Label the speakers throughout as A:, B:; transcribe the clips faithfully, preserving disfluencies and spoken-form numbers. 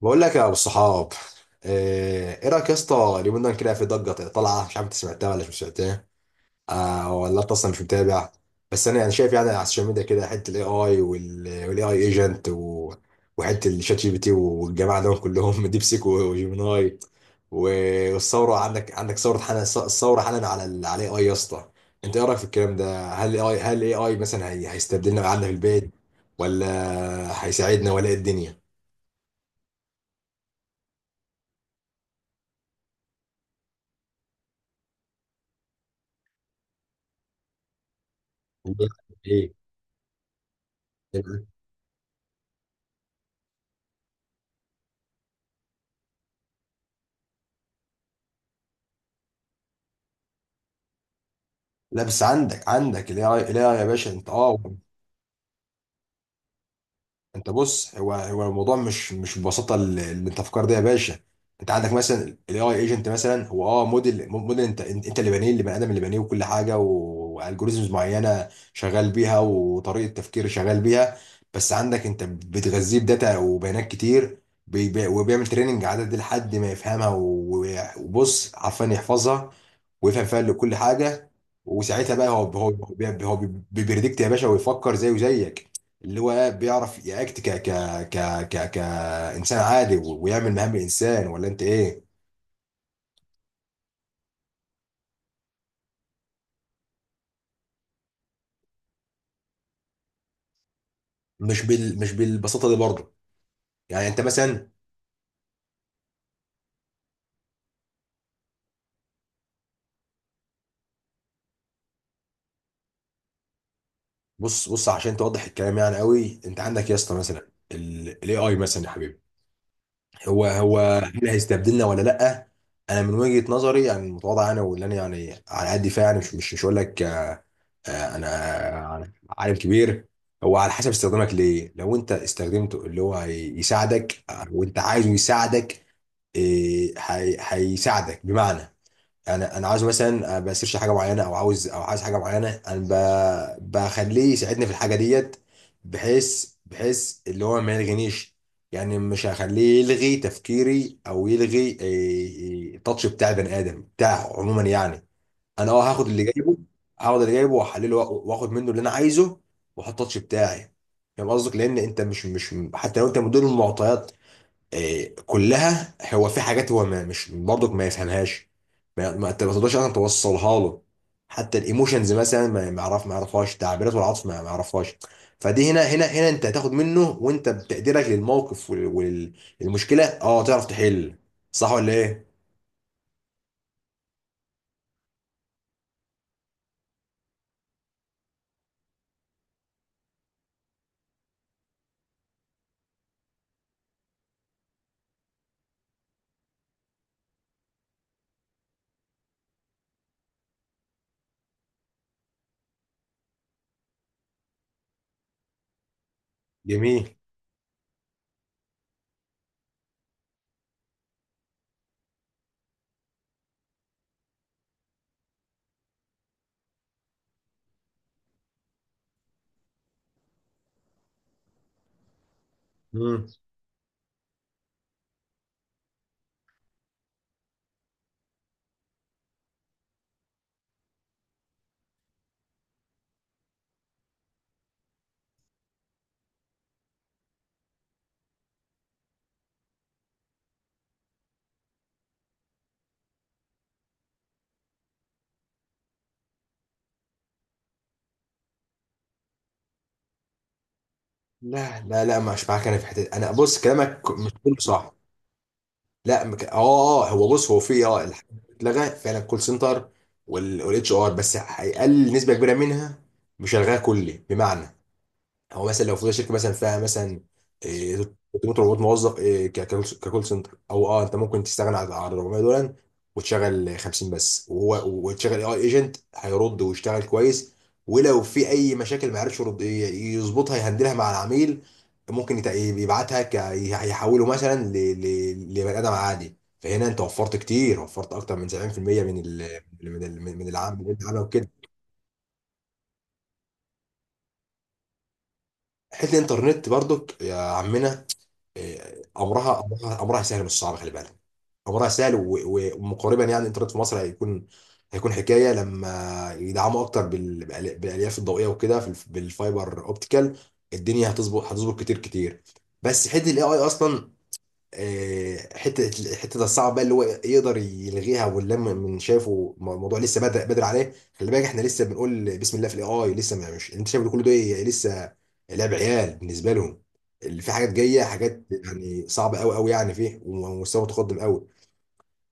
A: بقول لك يا ابو الصحاب. آه، ايه رايك يا اسطى؟ اليومين دول كده في ضجه طالعه، مش عارف انت سمعتها ولا مش سمعتها. آه، ولا انت اصلا مش متابع. بس انا يعني شايف يعني على السوشيال ميديا كده حته الاي اي والاي اي ايجنت، وحته الشات جي بي تي والجماعه دول كلهم ديب سيك وجيميناي. و- والثوره، عندك عندك ثوره حالا، الثوره حالا على ال- على الاي اي يا اسطى. انت ايه رايك في الكلام ده؟ هل الاي اي، هل الاي اي مثلا هي- هيستبدلنا قعدنا في البيت، ولا هيساعدنا، ولا إيه الدنيا؟ ايه، لا، بس عندك عندك الاي اي يا باشا، انت اه. انت بص، هو هو الموضوع مش مش ببساطه اللي اللي انت فكر ده يا باشا. انت عندك مثلا الاي اي ايجنت، مثلا هو اه موديل، موديل انت انت اللي بانيه، اللي بني ادم اللي بانيه، وكل حاجه، والجوريزمز معينه شغال بيها، وطريقه تفكير شغال بيها. بس عندك انت بتغذيه بداتا وبيانات كتير، بي- بي- وبيعمل تريننج عدد لحد ما يفهمها، و- وبص عارفان يحفظها ويفهم فيها اللي- كل حاجه. وساعتها بقى هو هو هو بيبريدكت يا باشا، ويفكر زيه زيك. اللي هو بيعرف ياكت ك ك ك ك كانسان عادي، و- ويعمل مهام الانسان، ولا انت ايه؟ مش بال، مش بالبساطه دي برضه. يعني انت مثلا، بص بص عشان توضح الكلام يعني قوي. انت عندك يا اسطى مثلا الاي اي، مثلا يا حبيبي، هو هو هل هيستبدلنا ولا لا؟ انا من وجهه نظري يعني المتواضعه، انا واللي انا يعني على قد فيها يعني، مش مش مش هقول لك آه، آه، انا أنا عالم كبير. هو على حسب استخدامك ليه. لو انت استخدمته اللي هو هي- يساعدك، آه، وانت عايزه يساعدك، إيه، هي- هيساعدك بمعنى. انا انا عاوز مثلا بسيرش حاجه معينه، او عاوز او عايز حاجه معينه، انا ب- بخليه يساعدني في الحاجه ديت، بحيث بحيث اللي هو ما يلغينيش. يعني مش هخليه يلغي تفكيري، او يلغي إيه، التاتش بتاع البني ادم بتاعه عموما يعني. انا اه هاخد اللي جايبه، هاخد اللي جايبه واحلله، وآ- واخد منه اللي انا عايزه، واحط التاتش بتاعي. فاهم قصدك، لان انت مش، مش حتى لو انت مدير المعطيات إيه، كلها، هو في حاجات هو ما مش برضك ما يفهمهاش، ما ما انت ما تقدرش اصلا توصلها له. حتى الايموشنز مثلا، ما ما يعرف، ما يعرفهاش، تعبيرات والعطف ما ما يعرفهاش. فدي هنا، هنا هنا انت هتاخد منه، وانت بتقديرك للموقف والمشكله اه تعرف تحل. صح ولا ايه؟ جميل. مم. لا لا لا، مش معاك انا في حته. انا بص، كلامك مش كله صح. لا مك... اه. اه، هو بص، هو في اه الحاجات اللي اتلغى فعلا، الكول سنتر والاتش ار، بس هيقلل نسبه كبيره منها، مش هيلغاها كلي، بمعنى. هو مثلا لو في شركه مثلا فيها مثلا إيه، تلتمية أربعمائة موظف إيه، ك- ككول ككول سنتر، او اه انت ممكن تستغنى عن عن أربعمائة دول، وتشغل خمسين بس، وهو وتشغل اي ايجنت هيرد ويشتغل كويس. ولو في اي مشاكل ما عرفش يرد، ي- يظبطها، يهندلها مع العميل. ممكن يت- يبعتها ك- يحوله مثلا ل- ل- لبني ادم عادي. فهنا انت وفرت كتير، وفرت اكتر من سبعين في المية من ال من ال من العام من العمل وكده. حته الانترنت برضك يا عمنا، إيه، امرها امرها امرها سهل، مش صعب، خلي بالك. امرها سهل، و- و- ومقاربا يعني الانترنت في مصر هيكون، هيكون حكايه لما يدعموا اكتر بال- بال- بالالياف الضوئيه وكده، في الف- بالفايبر اوبتيكال. الدنيا هتظبط، هتظبط كتير كتير. بس حته الاي اي اصلا، آه، حته الحته الصعبه بقى اللي هو يقدر يلغيها، ولا من من شايفه الم- الموضوع لسه بدري، بدري عليه. خلي بالك احنا لسه بنقول بسم الله في الاي اي، لسه ما، مش انت شايف كل ده إيه؟ لسه لعب عيال بالنسبه لهم. اللي في حاجات جايه، حاجات يعني صعبه قوي قوي يعني، فيه ومستوى متقدم قوي.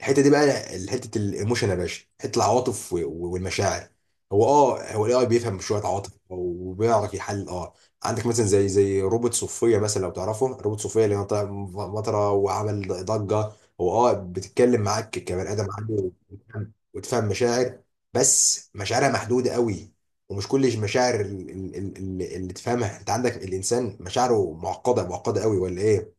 A: الحته دي بقى، حته الايموشن يا باشا، حته العواطف و- و- والمشاعر. هو اه، هو الاي اي بيفهم شويه عواطف، وبيعرف يحلل اه. عندك مثلا زي زي روبوت صوفيا مثلا، لو تعرفه روبوت صوفيا، اللي هو طلع مطره وعمل ضجه، هو اه بتتكلم معاك كبني ادم، عنده وتفهم، وتفهم مشاعر. بس مشاعرها محدوده قوي، ومش كل المشاعر ال- ال- ال- ال- اللي تفهمها. انت عندك الانسان مشاعره معقده، معقده قوي، ولا ايه؟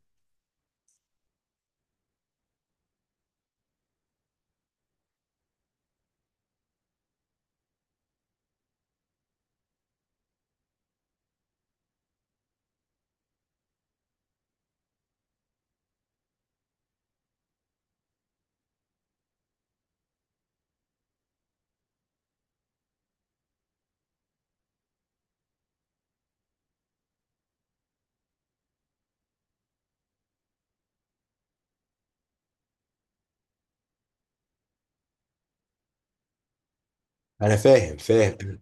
A: انا فاهم، فاهم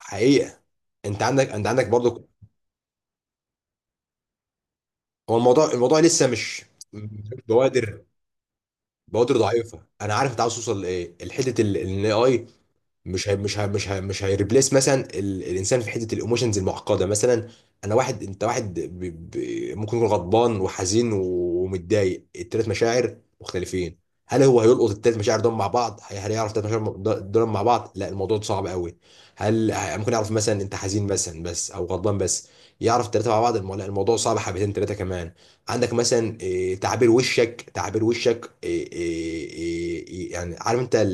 A: حقيقه. انت عندك، انت عندك برضو، هو الموضوع، الموضوع لسه مش، مش بوادر، بوادر ضعيفه. انا عارف انت عاوز توصل لايه، الحته الاي، مش هي، مش هي مش هي مش هيريبليس مثلا ال... الانسان في حته الايموشنز المعقده مثلا. انا واحد، انت واحد، ب... ب... ممكن يكون غضبان وحزين ومتضايق، التلات مشاعر مختلفين. هل هو هيلقط التلات مشاعر دول مع بعض، هي- هل يعرف التلات مشاعر دول مع بعض؟ لا، الموضوع ده صعب قوي. هل ه- ممكن يعرف مثلا انت حزين مثلا بس، او غضبان بس؟ يعرف التلاته مع بعض الم- لا، الموضوع صعب حبتين تلاته كمان. عندك مثلا إيه، تعبير وشك، تعبير وشك إيه، إيه، إيه، إيه، يعني عارف انت،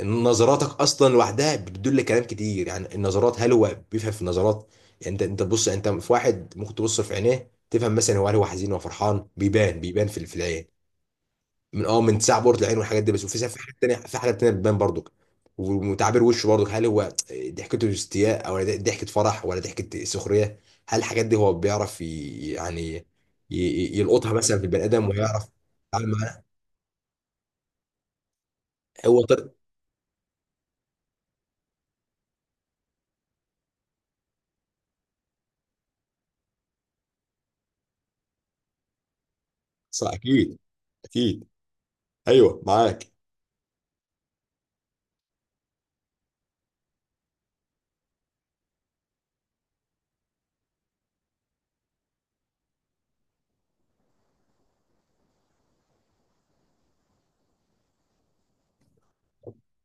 A: نظراتك اصلا لوحدها بتدل كلام كتير. يعني النظرات، هل هو بيفهم في النظرات؟ يعني انت، انت تبص، انت في واحد ممكن تبص في عينيه تفهم مثلا هو، هل هو حزين ولا فرحان، بيبان، بيبان في في العين من اه من تسع بورة العين والحاجات دي بس. وفي في حاجات تانية، في حاجات تانية بتبان برضك، وتعبير وشه برضك، هل هو ضحكته استياء، او ضحكة فرح، ولا ضحكة سخرية؟ هل الحاجات دي هو بيعرف ي- يعني ي- ي- يلقطها مثلا في البني ادم، ويعرف يتعامل معاها؟ هو طريق، صح، اكيد اكيد. ايوه معاك.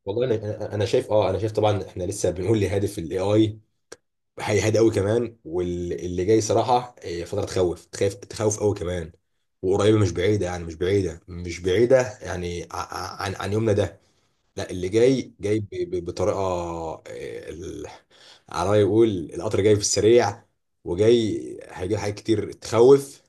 A: والله انا، انا أنا شايف اه، انا شايف طبعا، احنا لسه بنقول لهادف الاي اي، هيهاد قوي كمان. واللي جاي صراحه إيه، فتره تخوف، تخاف، تخوف قوي كمان. وقريبه مش بعيده، يعني مش بعيده، مش بعيده يعني ع- ع- عن عن يومنا ده. لا، اللي جاي جاي ب- ب- بطريقه إيه، ال- على ما يقول القطر جاي في السريع. وجاي هيجيب حاجات كتير تخوف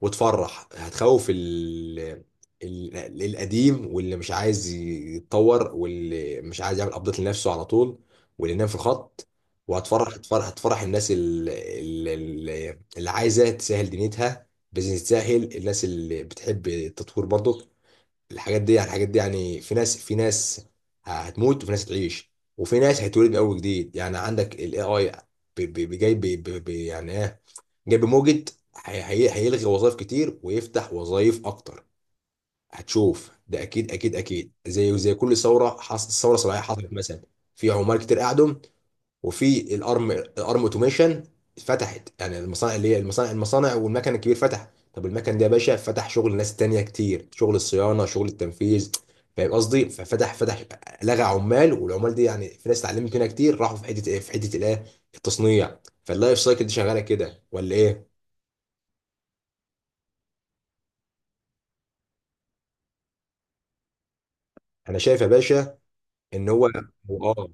A: وتفرح. هتخوف ال... ال... القديم، واللي مش عايز يتطور، واللي مش عايز يعمل ابديت لنفسه على طول، واللي نام في الخط. وهتفرح، هتفرح هتفرح الناس ال- ال- ال- اللي عايزه تسهل دنيتها، بزنس، تسهل الناس اللي بتحب التطوير برضو. الحاجات دي يعني، الحاجات دي يعني في ناس، في ناس هتموت، وفي ناس هتعيش، وفي ناس هيتولد من اول جديد. يعني عندك الاي اي جاي بي- بي- يعني ايه، جنب موجة، هي- هي- هيلغي وظائف كتير ويفتح وظائف اكتر. هتشوف ده اكيد، اكيد اكيد زي زي كل ثوره حصلت. ثوره صناعيه حصلت مثلا، في عمال كتير قعدوا، وفي الارم، الارم اوتوميشن فتحت. يعني المصانع اللي هي المصانع، المصانع والمكن الكبير فتح. طب المكن ده يا باشا فتح شغل ناس تانية كتير، شغل الصيانه، شغل التنفيذ. فاهم قصدي؟ ففتح، فتح لغى عمال، والعمال دي يعني في ناس اتعلمت منها كتير، راحوا في حته ايه، في حته الايه، التصنيع. فاللايف سايكل دي شغاله كده، ولا ايه؟ انا شايف يا باشا ان هو، هو اه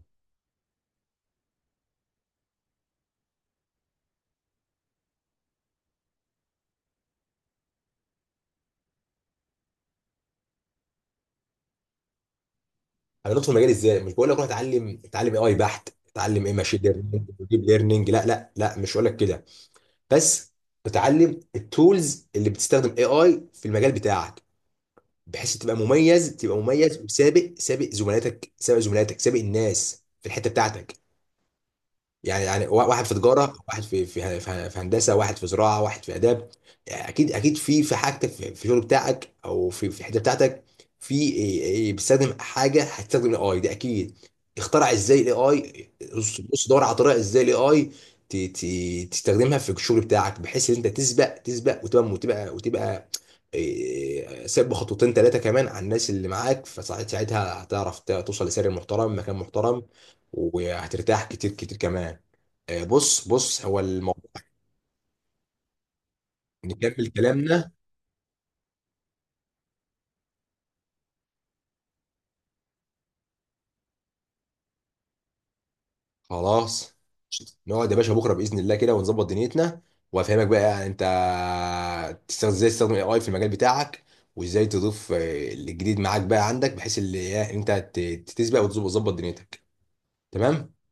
A: هندخل المجال ازاي؟ مش بقول لك روح اتعلم، اتعلم اي اي بحت، اتعلم ايه، ماشين ليرنينج، ديب ليرنينج، لا لا لا، مش هقول لك كده. بس اتعلم التولز اللي بتستخدم اي اي في المجال بتاعك، بحيث تبقى مميز، تبقى مميز وسابق، سابق زملاتك، سابق زملاتك سابق الناس في الحته بتاعتك. يعني يعني وا- واحد في تجاره، واحد في في في في هندسه، واحد في زراعه، واحد في اداب. يعني اكيد، اكيد في في حاجتك، في في الشغل بتاعك، او في في الحته بتاعتك، في إيه- إيه بتستخدم حاجه، هتستخدم الاي اي ده اكيد. اخترع ازاي الاي اي؟ بص، بص دور على طريقه ازاي الاي اي تستخدمها في الشغل بتاعك، بحيث ان انت تسبق، تسبق وتبقى، وتبقى وتبقى إيه، سابق خطوتين ثلاثه كمان عن الناس اللي معاك. فساعتها هتعرف توصل لسعر محترم، مكان محترم، وهترتاح كتير كتير كمان. آه، بص، بص هو الموضوع، نكمل كلامنا. خلاص نقعد يا باشا بكره باذن الله كده ونظبط دنيتنا، وافهمك بقى انت تستخدم ازاي، تستخدم الاي اي في المجال بتاعك، وازاي تضيف آه، الجديد معاك بقى عندك، بحيث اللي إيه، انت ت- تسبق وتظبط، تظبط دنيتك. تمام.